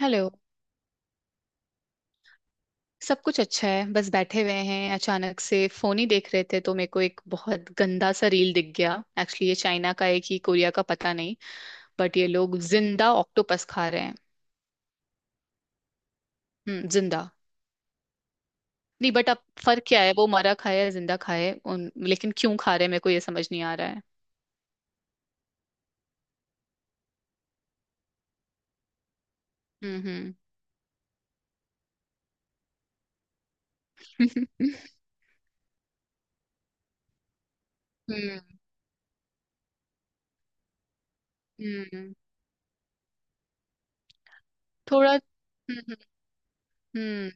Hello. सब कुछ अच्छा है, बस बैठे हुए हैं। अचानक से फोन ही देख रहे थे तो मेरे को एक बहुत गंदा सा रील दिख गया। एक्चुअली ये चाइना का है कि कोरिया का पता नहीं। बट ये लोग जिंदा ऑक्टोपस खा रहे हैं। हम्म, जिंदा। नहीं, बट अब फर्क क्या है? वो मरा खाया है, जिंदा खाया है, उन लेकिन क्यों खा रहे हैं? मेरे को ये समझ नहीं आ रहा है। हम्म। हम्म। हम्म। हम्म। थोड़ा। हम्म। हम्म। हम्म।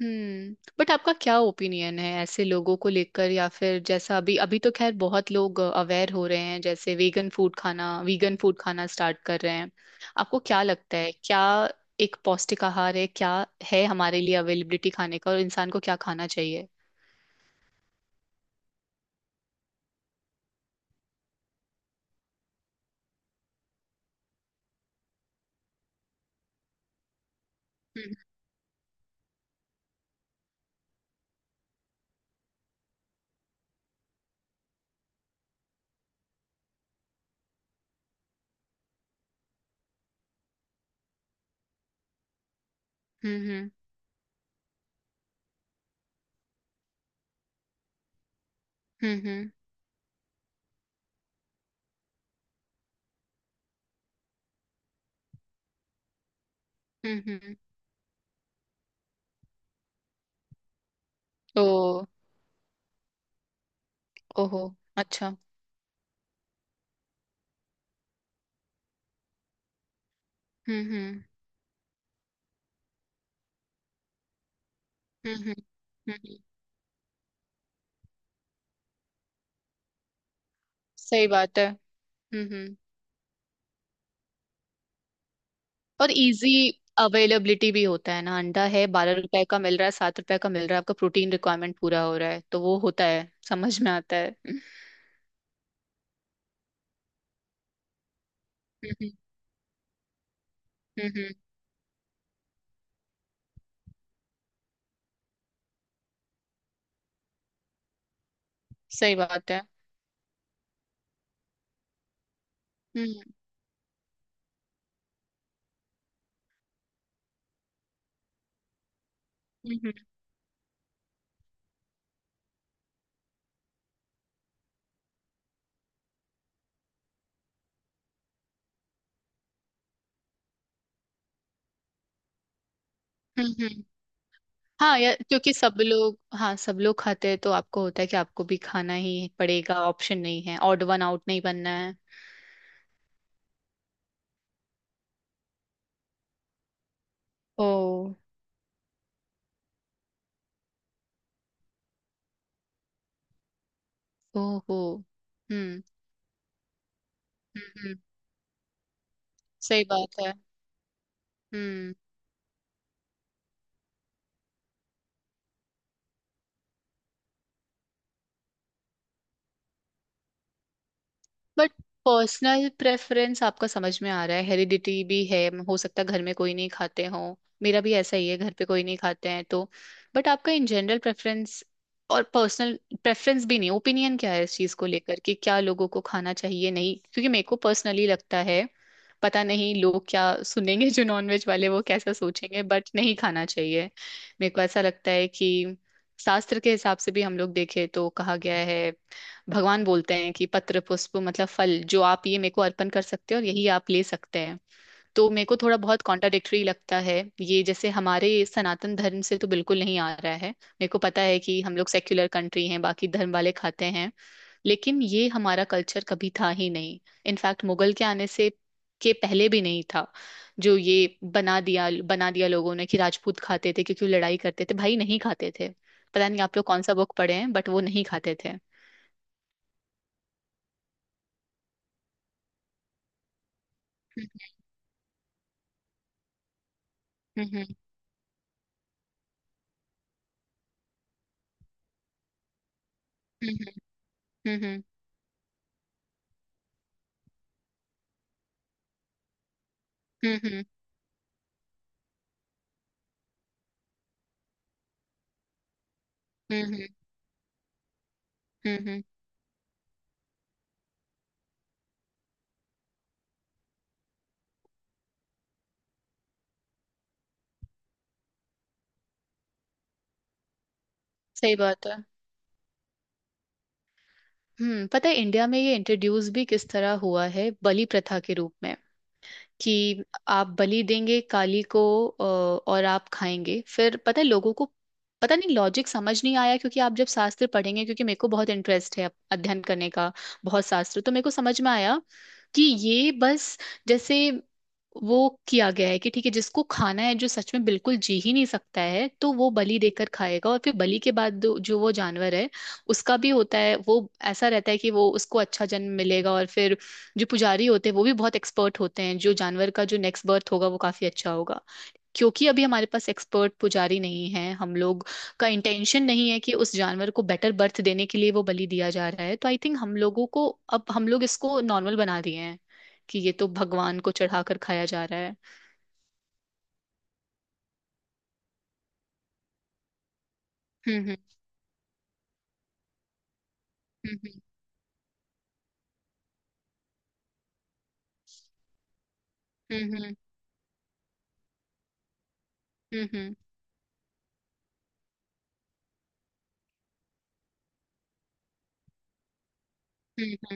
हम्म, बट आपका क्या ओपिनियन है ऐसे लोगों को लेकर? या फिर जैसा अभी अभी तो खैर बहुत लोग अवेयर हो रहे हैं, जैसे वेगन फूड खाना, वीगन फूड खाना स्टार्ट कर रहे हैं। आपको क्या लगता है? क्या एक पौष्टिक आहार है? क्या है हमारे लिए अवेलेबिलिटी खाने का, और इंसान को क्या खाना चाहिए? हम्म। हम्म। हम्म। हम्म। हम्म। हम्म। ओ। ओहो। अच्छा। हम्म। हम्म। हम्म। हम्म। हम्म। सही बात है। हम्म। हम्म। और इजी अवेलेबिलिटी भी होता है ना। अंडा है, 12 रुपए का मिल रहा है, 7 रुपए का मिल रहा है। आपका प्रोटीन रिक्वायरमेंट पूरा हो रहा है तो वो होता है, समझ में आता है। हम्म। हम्म, हम्म। सही बात है। हम्म। हम्म। हम्म। हम्म। हम्म। हाँ यार, क्योंकि सब लोग, हाँ, सब लोग खाते हैं तो आपको होता है कि आपको भी खाना ही पड़ेगा। ऑप्शन नहीं है, ऑड वन आउट नहीं बनना है। ओ। ओहो। हम्म हम्म। सही बात है। हम्म, बट पर्सनल प्रेफरेंस आपका समझ में आ रहा है, हेरिडिटी भी है। हो सकता है घर में कोई नहीं खाते हो। मेरा भी ऐसा ही है, घर पे कोई नहीं खाते हैं तो। बट आपका इन जनरल प्रेफरेंस और पर्सनल प्रेफरेंस भी नहीं, ओपिनियन क्या है इस चीज को लेकर कि क्या लोगों को खाना चाहिए? नहीं, क्योंकि मेरे को पर्सनली लगता है, पता नहीं लोग क्या सुनेंगे, जो नॉनवेज वाले वो कैसा सोचेंगे, बट नहीं खाना चाहिए। मेरे को ऐसा लगता है कि शास्त्र के हिसाब से भी हम लोग देखें तो कहा गया है, भगवान बोलते हैं कि पत्र पुष्प, मतलब फल जो आप ये मेरे को अर्पण कर सकते हो, और यही आप ले सकते हैं। तो मेरे को थोड़ा बहुत कॉन्ट्राडिक्टरी लगता है। ये जैसे हमारे सनातन धर्म से तो बिल्कुल नहीं आ रहा है। मेरे को पता है कि हम लोग सेक्युलर कंट्री हैं, बाकी धर्म वाले खाते हैं, लेकिन ये हमारा कल्चर कभी था ही नहीं। इनफैक्ट मुगल के आने से के पहले भी नहीं था। जो ये बना दिया लोगों ने कि राजपूत खाते थे क्योंकि वो लड़ाई करते थे, भाई नहीं खाते थे। पता नहीं आप लोग कौन सा बुक पढ़े हैं, बट वो नहीं खाते थे। हम्म। हम्म। हम्म। हम्म। हम्म। हम्म। हम्म। हम्म, हम्म, सही बात है। हम्म, पता है इंडिया में ये इंट्रोड्यूस भी किस तरह हुआ है? बलि प्रथा के रूप में कि आप बलि देंगे काली को, और आप खाएंगे। फिर पता है लोगों को, पता नहीं लॉजिक समझ नहीं आया, क्योंकि आप जब शास्त्र पढ़ेंगे, क्योंकि मेरे को बहुत इंटरेस्ट है अध्ययन करने का। बहुत शास्त्र तो मेरे को समझ में आया कि ये बस, जैसे वो किया गया है कि ठीक है, जिसको खाना है, जो सच में बिल्कुल जी ही नहीं सकता है, तो वो बलि देकर खाएगा। और फिर बलि के बाद जो जो वो जानवर है, उसका भी होता है वो, ऐसा रहता है कि वो उसको अच्छा जन्म मिलेगा। और फिर जो पुजारी होते हैं वो भी बहुत एक्सपर्ट होते हैं, जो जानवर का जो नेक्स्ट बर्थ होगा वो काफी अच्छा होगा। क्योंकि अभी हमारे पास एक्सपर्ट पुजारी नहीं है, हम लोग का इंटेंशन नहीं है कि उस जानवर को बेटर बर्थ देने के लिए वो बलि दिया जा रहा है। तो आई थिंक हम लोगों को, अब हम लोग इसको नॉर्मल बना दिए हैं कि ये तो भगवान को चढ़ाकर खाया जा रहा है। हम्म। हम्म। हम्म। हम्म। हम्म। हम्म।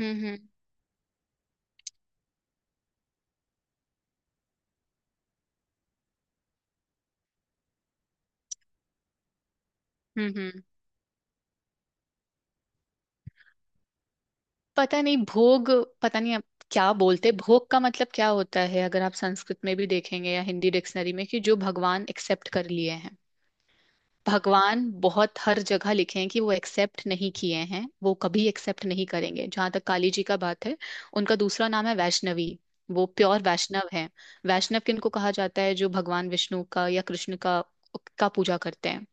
हम्म। हम्म। हम्म। हम्म। हम्म। हम्म। पता नहीं भोग, पता नहीं आप क्या बोलते, भोग का मतलब क्या होता है? अगर आप संस्कृत में भी देखेंगे या हिंदी डिक्शनरी में, कि जो भगवान एक्सेप्ट कर लिए हैं। भगवान बहुत हर जगह लिखे हैं कि वो एक्सेप्ट नहीं किए हैं, वो कभी एक्सेप्ट नहीं करेंगे। जहां तक काली जी का बात है, उनका दूसरा नाम है वैष्णवी। वो प्योर वैष्णव है। वैष्णव किनको कहा जाता है? जो भगवान विष्णु का या कृष्ण का पूजा करते हैं।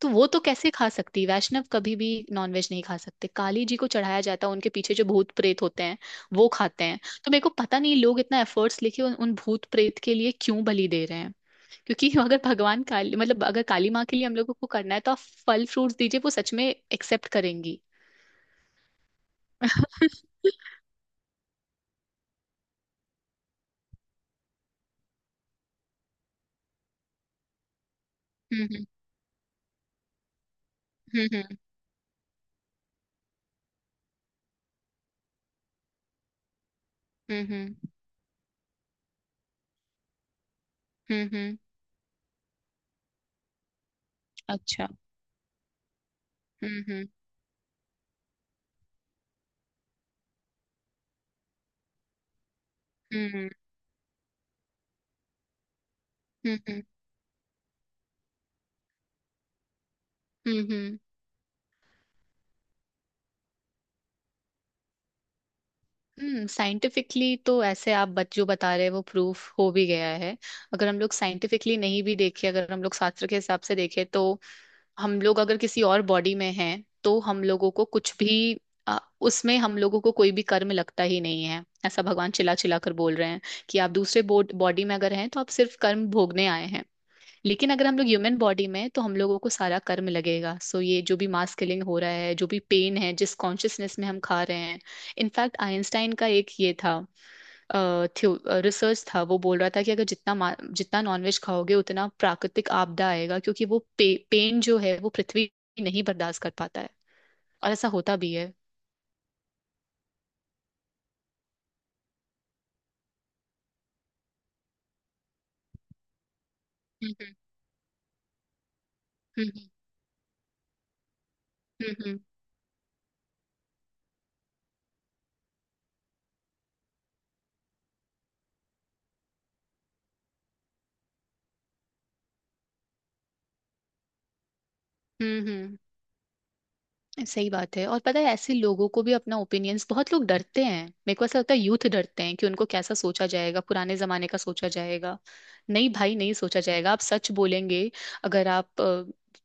तो वो तो कैसे खा सकती? वैष्णव कभी भी नॉनवेज नहीं खा सकते। काली जी को चढ़ाया जाता है, उनके पीछे जो भूत प्रेत होते हैं वो खाते हैं। तो मेरे को पता नहीं लोग इतना एफर्ट्स लेके उन भूत प्रेत के लिए क्यों बलि दे रहे हैं, क्योंकि अगर भगवान काली, मतलब अगर काली माँ के लिए हम लोगों को करना है, तो आप फल फ्रूट्स दीजिए, वो सच में एक्सेप्ट करेंगी। हम्म। हम्म। हम्म। हम्म। हम्म। हम्म, अच्छा। हम्म। हम्म। हम्म। हम्म। हम्म। हम्म। हम्म, साइंटिफिकली तो ऐसे आप बच जो बता रहे हैं वो प्रूफ हो भी गया है। अगर हम लोग साइंटिफिकली नहीं भी देखें, अगर हम लोग शास्त्र के हिसाब से देखें तो हम लोग अगर किसी और बॉडी में हैं, तो हम लोगों को कुछ भी, अ, उसमें हम लोगों को कोई भी कर्म लगता ही नहीं है। ऐसा भगवान चिल्ला चिल्ला कर बोल रहे हैं कि आप दूसरे बॉडी में अगर हैं तो आप सिर्फ कर्म भोगने आए हैं। लेकिन अगर हम लोग ह्यूमन बॉडी में हैं, तो हम लोगों को सारा कर्म लगेगा। सो ये जो भी मास किलिंग हो रहा है, जो भी पेन है, जिस कॉन्शियसनेस में हम खा रहे हैं। इनफैक्ट आइंस्टाइन का एक ये था, रिसर्च था, वो बोल रहा था कि अगर जितना नॉनवेज खाओगे, उतना प्राकृतिक आपदा आएगा, क्योंकि वो पेन जो है वो पृथ्वी नहीं बर्दाश्त कर पाता है। और ऐसा होता भी है। हम्म। हम्म। हम्म। हम्म। हम्म। हम्म, सही बात है। और पता है ऐसे लोगों को भी अपना ओपिनियंस, बहुत लोग डरते हैं। मेरे को ऐसा लगता है यूथ डरते हैं कि उनको कैसा सोचा जाएगा, पुराने जमाने का सोचा जाएगा। नहीं भाई, नहीं सोचा जाएगा। आप सच बोलेंगे, अगर आप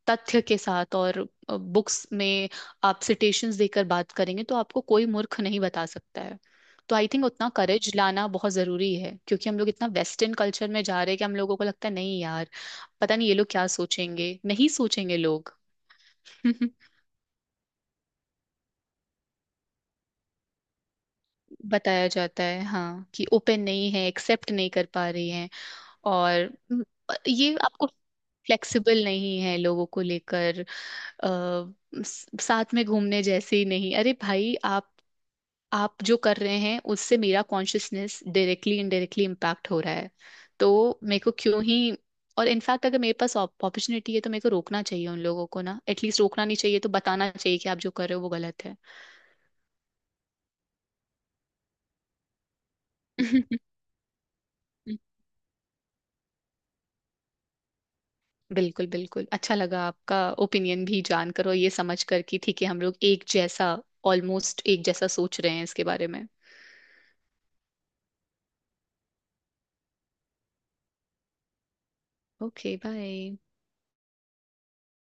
तथ्य के साथ और बुक्स में आप सिटेशंस देकर बात करेंगे, तो आपको कोई मूर्ख नहीं बता सकता है। तो आई थिंक उतना करेज लाना बहुत जरूरी है, क्योंकि हम लोग इतना वेस्टर्न कल्चर में जा रहे हैं कि हम लोगों को लगता है, नहीं यार, पता नहीं ये लोग क्या सोचेंगे। नहीं सोचेंगे लोग। बताया जाता है, हाँ, कि ओपन नहीं है, एक्सेप्ट नहीं कर पा रही हैं। और ये आपको फ्लेक्सिबल नहीं है, लोगों को लेकर, साथ में घूमने जैसे ही नहीं। अरे भाई, आप जो कर रहे हैं उससे मेरा कॉन्शियसनेस डायरेक्टली इनडायरेक्टली इम्पैक्ट हो रहा है। तो मेरे को क्यों ही। और इनफैक्ट अगर मेरे पास अपॉर्चुनिटी है, तो मेरे को रोकना चाहिए उन लोगों को। ना एटलीस्ट रोकना नहीं चाहिए तो बताना चाहिए कि आप जो कर रहे हो वो गलत है। बिल्कुल, बिल्कुल, अच्छा लगा आपका ओपिनियन भी जानकर। और ये समझ कर कि ठीक है, हम लोग एक जैसा, ऑलमोस्ट एक जैसा सोच रहे हैं इसके बारे में। Okay, bye.